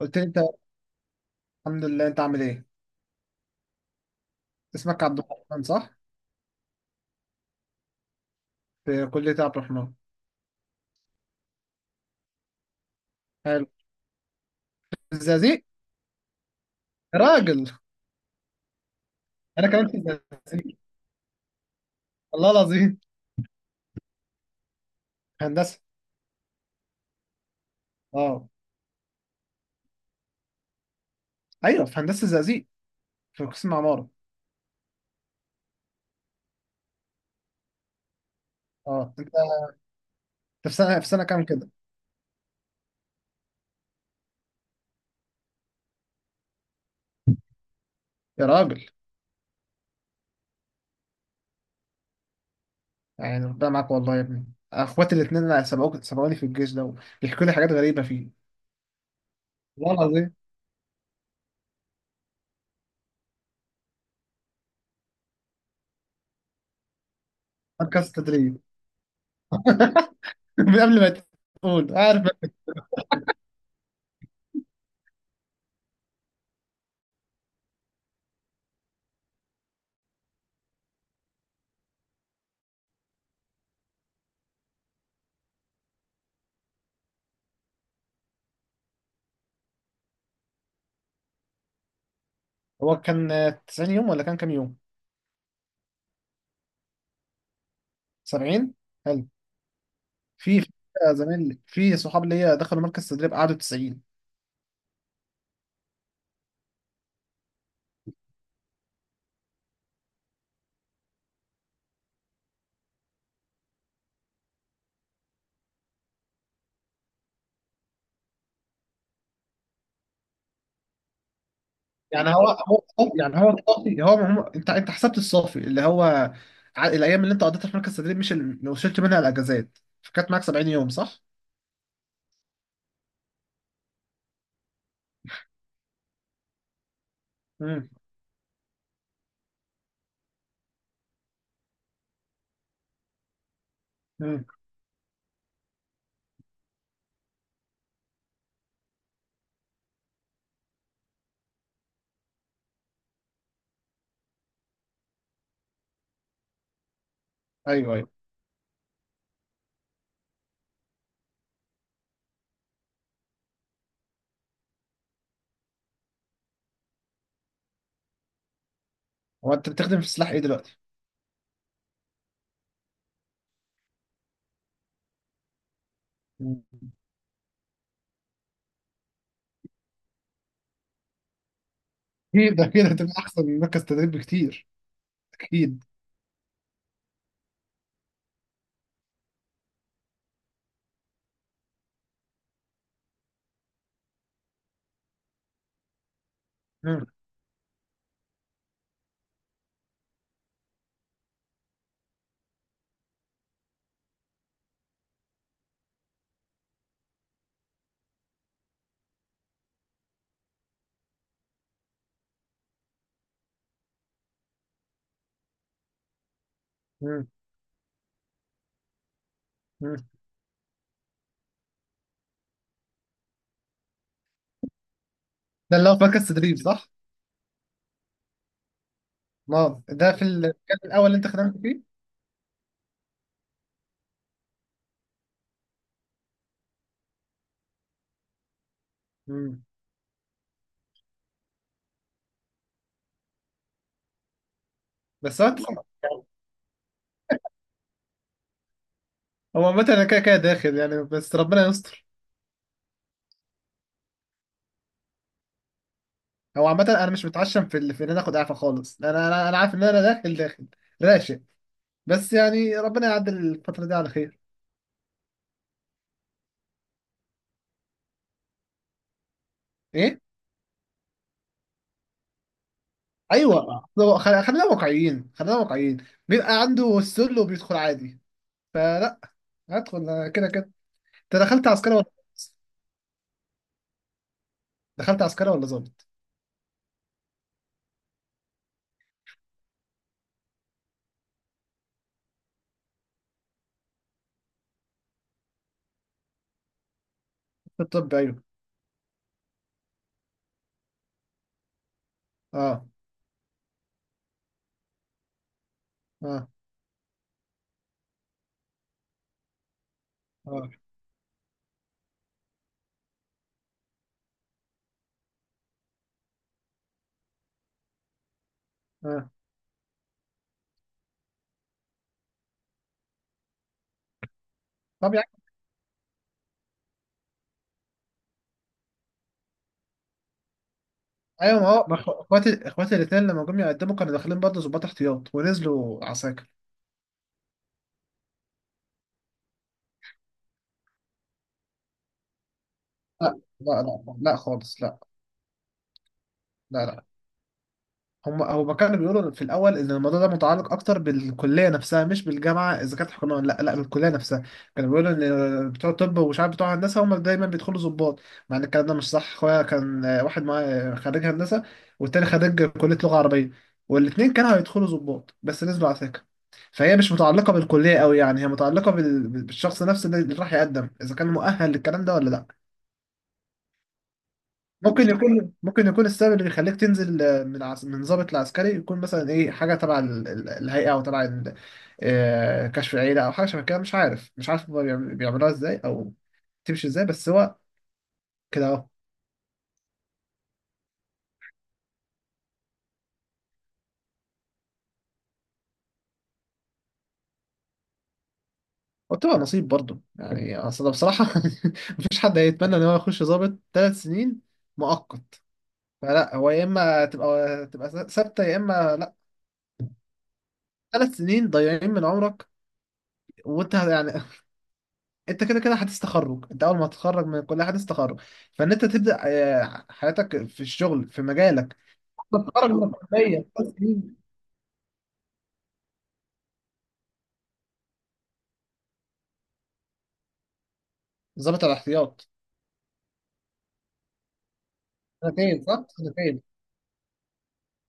قلت لي انت. الحمد لله، انت عامل ايه؟ اسمك عبد الرحمن صح؟ في كلية عبد الرحمن. حلو. في الزقازيق. يا راجل، انا كمان في الزقازيق. والله العظيم. في هندسة. اه، ايوه، في هندسة الزقازيق، في قسم عمارة. اه، انت في سنة كام كده؟ يا راجل، يعني ربنا معاك والله يا ابني. اخواتي الاثنين سبقوني في الجيش ده. بيحكوا لي حاجات غريبة فيه. والله العظيم. مركز تدريب. من قبل ما تقول عارف. هو كان 90 يوم ولا كان كام يوم؟ 70. في زميل، في صحاب ليا دخلوا مركز تدريب، قعدوا 90. يعني هو والله، يعني هو الصافي، انت حسبت الصافي اللي هو الايام اللي انت قضيتها في مركز تدريب، مش اللي وصلت منها الاجازات، فكانت معاك 70 يوم صح؟ امم امم ايوه، ايوه. هو انت بتخدم في السلاح ايه دلوقتي؟ مم. اكيد، ده كده هتبقى احسن من مركز تدريب بكتير. اكيد. مم. مم. مم. ده اللي هو في مركز تدريب صح؟ ما ده في المكان الاول اللي انت خدمت فيه؟ مم. بس هو، مثلا انا كده كده داخل يعني، بس ربنا يستر. هو عامة، أنا مش متعشم في في إن أنا آخد إعفاء خالص. أنا عارف إن أنا داخل داخل. راشق. بس يعني ربنا يعدل الفترة دي على خير. إيه؟ أيوه، خلينا واقعيين، خلينا واقعيين. بيبقى عنده السل وبيدخل عادي، فلا. هدخل أنا كده كده. أنت دخلت عسكري ولا ضابط؟ دخلت عسكري ولا ظابط؟ في الطب، أيوه. أه. أه. أه. أه. طب يعني. أيوه، ما هو، ما إخو- إخواتي إخواتي الاتنين لما جم يقدموا كانوا داخلين برضه ظباط احتياط ونزلوا عساكر. لا لا لا لا خالص، لا. لا لا. هما كانوا بيقولوا في الاول ان الموضوع ده متعلق اكتر بالكليه نفسها، مش بالجامعه اذا كانت حكومه ولا لا، لا بالكليه نفسها. كانوا بيقولوا ان بتوع الطب ومش عارف بتوع هندسه هم دايما بيدخلوا ضباط. مع ان الكلام ده مش صح. اخويا كان، واحد معاه خريج هندسه، والتاني خريج كليه لغه عربيه. والاتنين كانوا هيدخلوا ضباط بس نزلوا على سكه. فهي مش متعلقه بالكليه قوي، يعني هي متعلقه بالشخص نفسه اللي راح يقدم اذا كان مؤهل للكلام ده ولا لا. ممكن يكون السبب اللي بيخليك تنزل، من من ضابط العسكري، يكون مثلا ايه حاجه تبع الهيئه، او تبع كشف العيله، او حاجه شبه كده. مش عارف، مش عارف هما بيعملوها ازاي او تمشي ازاي، بس هو كده اهو. وبتبقى نصيب برضه يعني، اصل أنا بصراحه مفيش حد هيتمنى ان هو يخش ضابط ثلاث سنين مؤقت. فلا، هو يا اما تبقى ثابته يا اما لا. ثلاث سنين ضايعين من عمرك، وانت يعني انت كده كده حديث تخرج، انت اول ما تتخرج من الكليه حديث تخرج. فان انت تبدا، حياتك في الشغل في مجالك. أنت تتخرج من الكليه ثلاث سنين ضابط الاحتياط. سنتين صح، سنتين.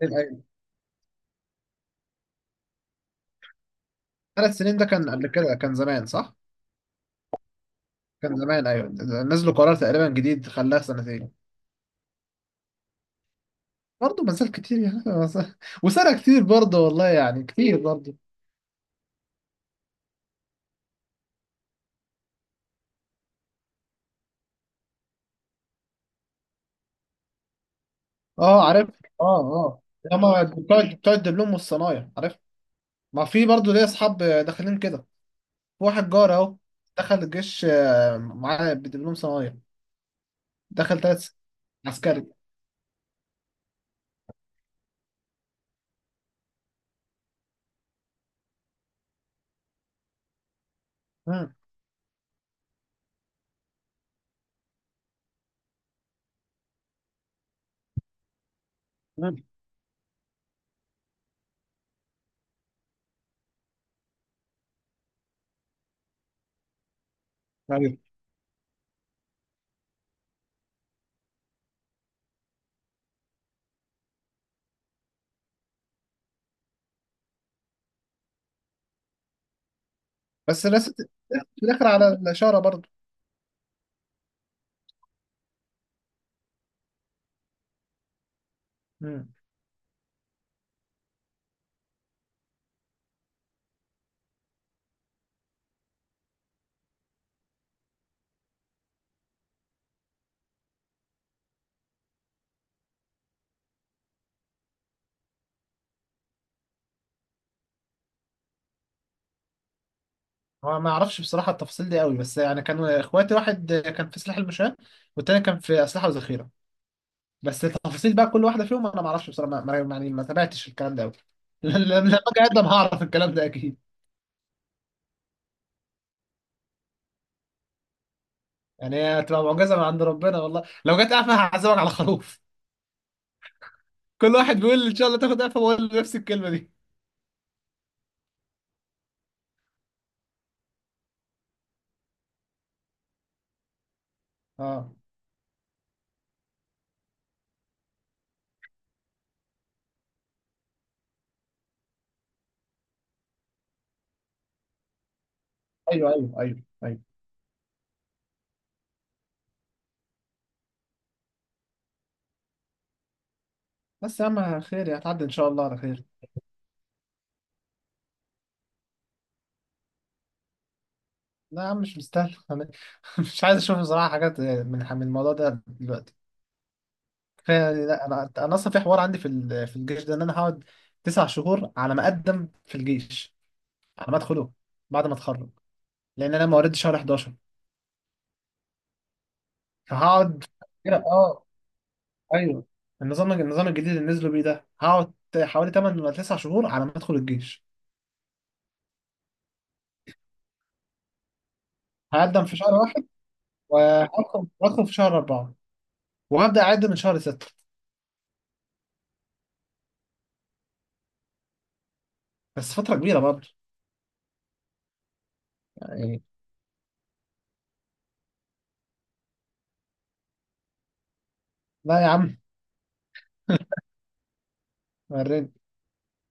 ايوه. ثلاث سنين ده كان قبل كده، كان زمان صح. كان زمان ايوه. نزلوا قرار تقريبا جديد خلاها سنتين. برضه ما زال كتير يعني وسنه كتير برضه والله، يعني كتير برضه. اه، عارف. اه، اه. لما بتوع الدبلوم والصنايع، عارف. ما في برضه ليا اصحاب داخلين كده. واحد جار اهو، دخل الجيش، معاه بدبلوم صنايع، دخل ثلاث سنين عسكري. مم. مم. ايوه. بس رست في الاخر على الاشاره برضه. مم. هو ما اعرفش بصراحه التفاصيل دي قوي، بس يعني كان اخواتي واحد كان في سلاح المشاة، والتاني كان في اسلحه وذخيره. بس التفاصيل بقى كل واحده فيهم انا ما اعرفش بصراحه، يعني ما تابعتش الكلام ده قوي لما اجي اقدم هعرف الكلام ده اكيد. يعني هي هتبقى معجزه من عند ربنا، والله لو جت قفا هعزمك على خروف. كل واحد بيقول ان شاء الله تاخد قفا، بقول نفس الكلمه دي. اه، ايوه ايوه ايوه ايوه. بس يا عم خير، يعني هتعدي ان شاء الله على خير. لا يا عم، مش مستاهل أنا مش عايز اشوف بصراحه حاجات من الموضوع ده دلوقتي. كفايه يعني. لا، انا اصلا في حوار عندي في في الجيش ده ان انا هقعد تسع شهور على ما اقدم في الجيش، على ما ادخله، بعد ما اتخرج. لان انا مواليد شهر 11، فهقعد كده اه ايوه. النظام الجديد اللي نزلوا بيه ده، هقعد حوالي 8 ولا 9 شهور على ما ادخل الجيش. هقدم في شهر واحد، وهدخل في شهر اربعه، وهبدأ أعد من شهر ستة. بس فترة كبيرة برضه يعني. لا يا عم وريني.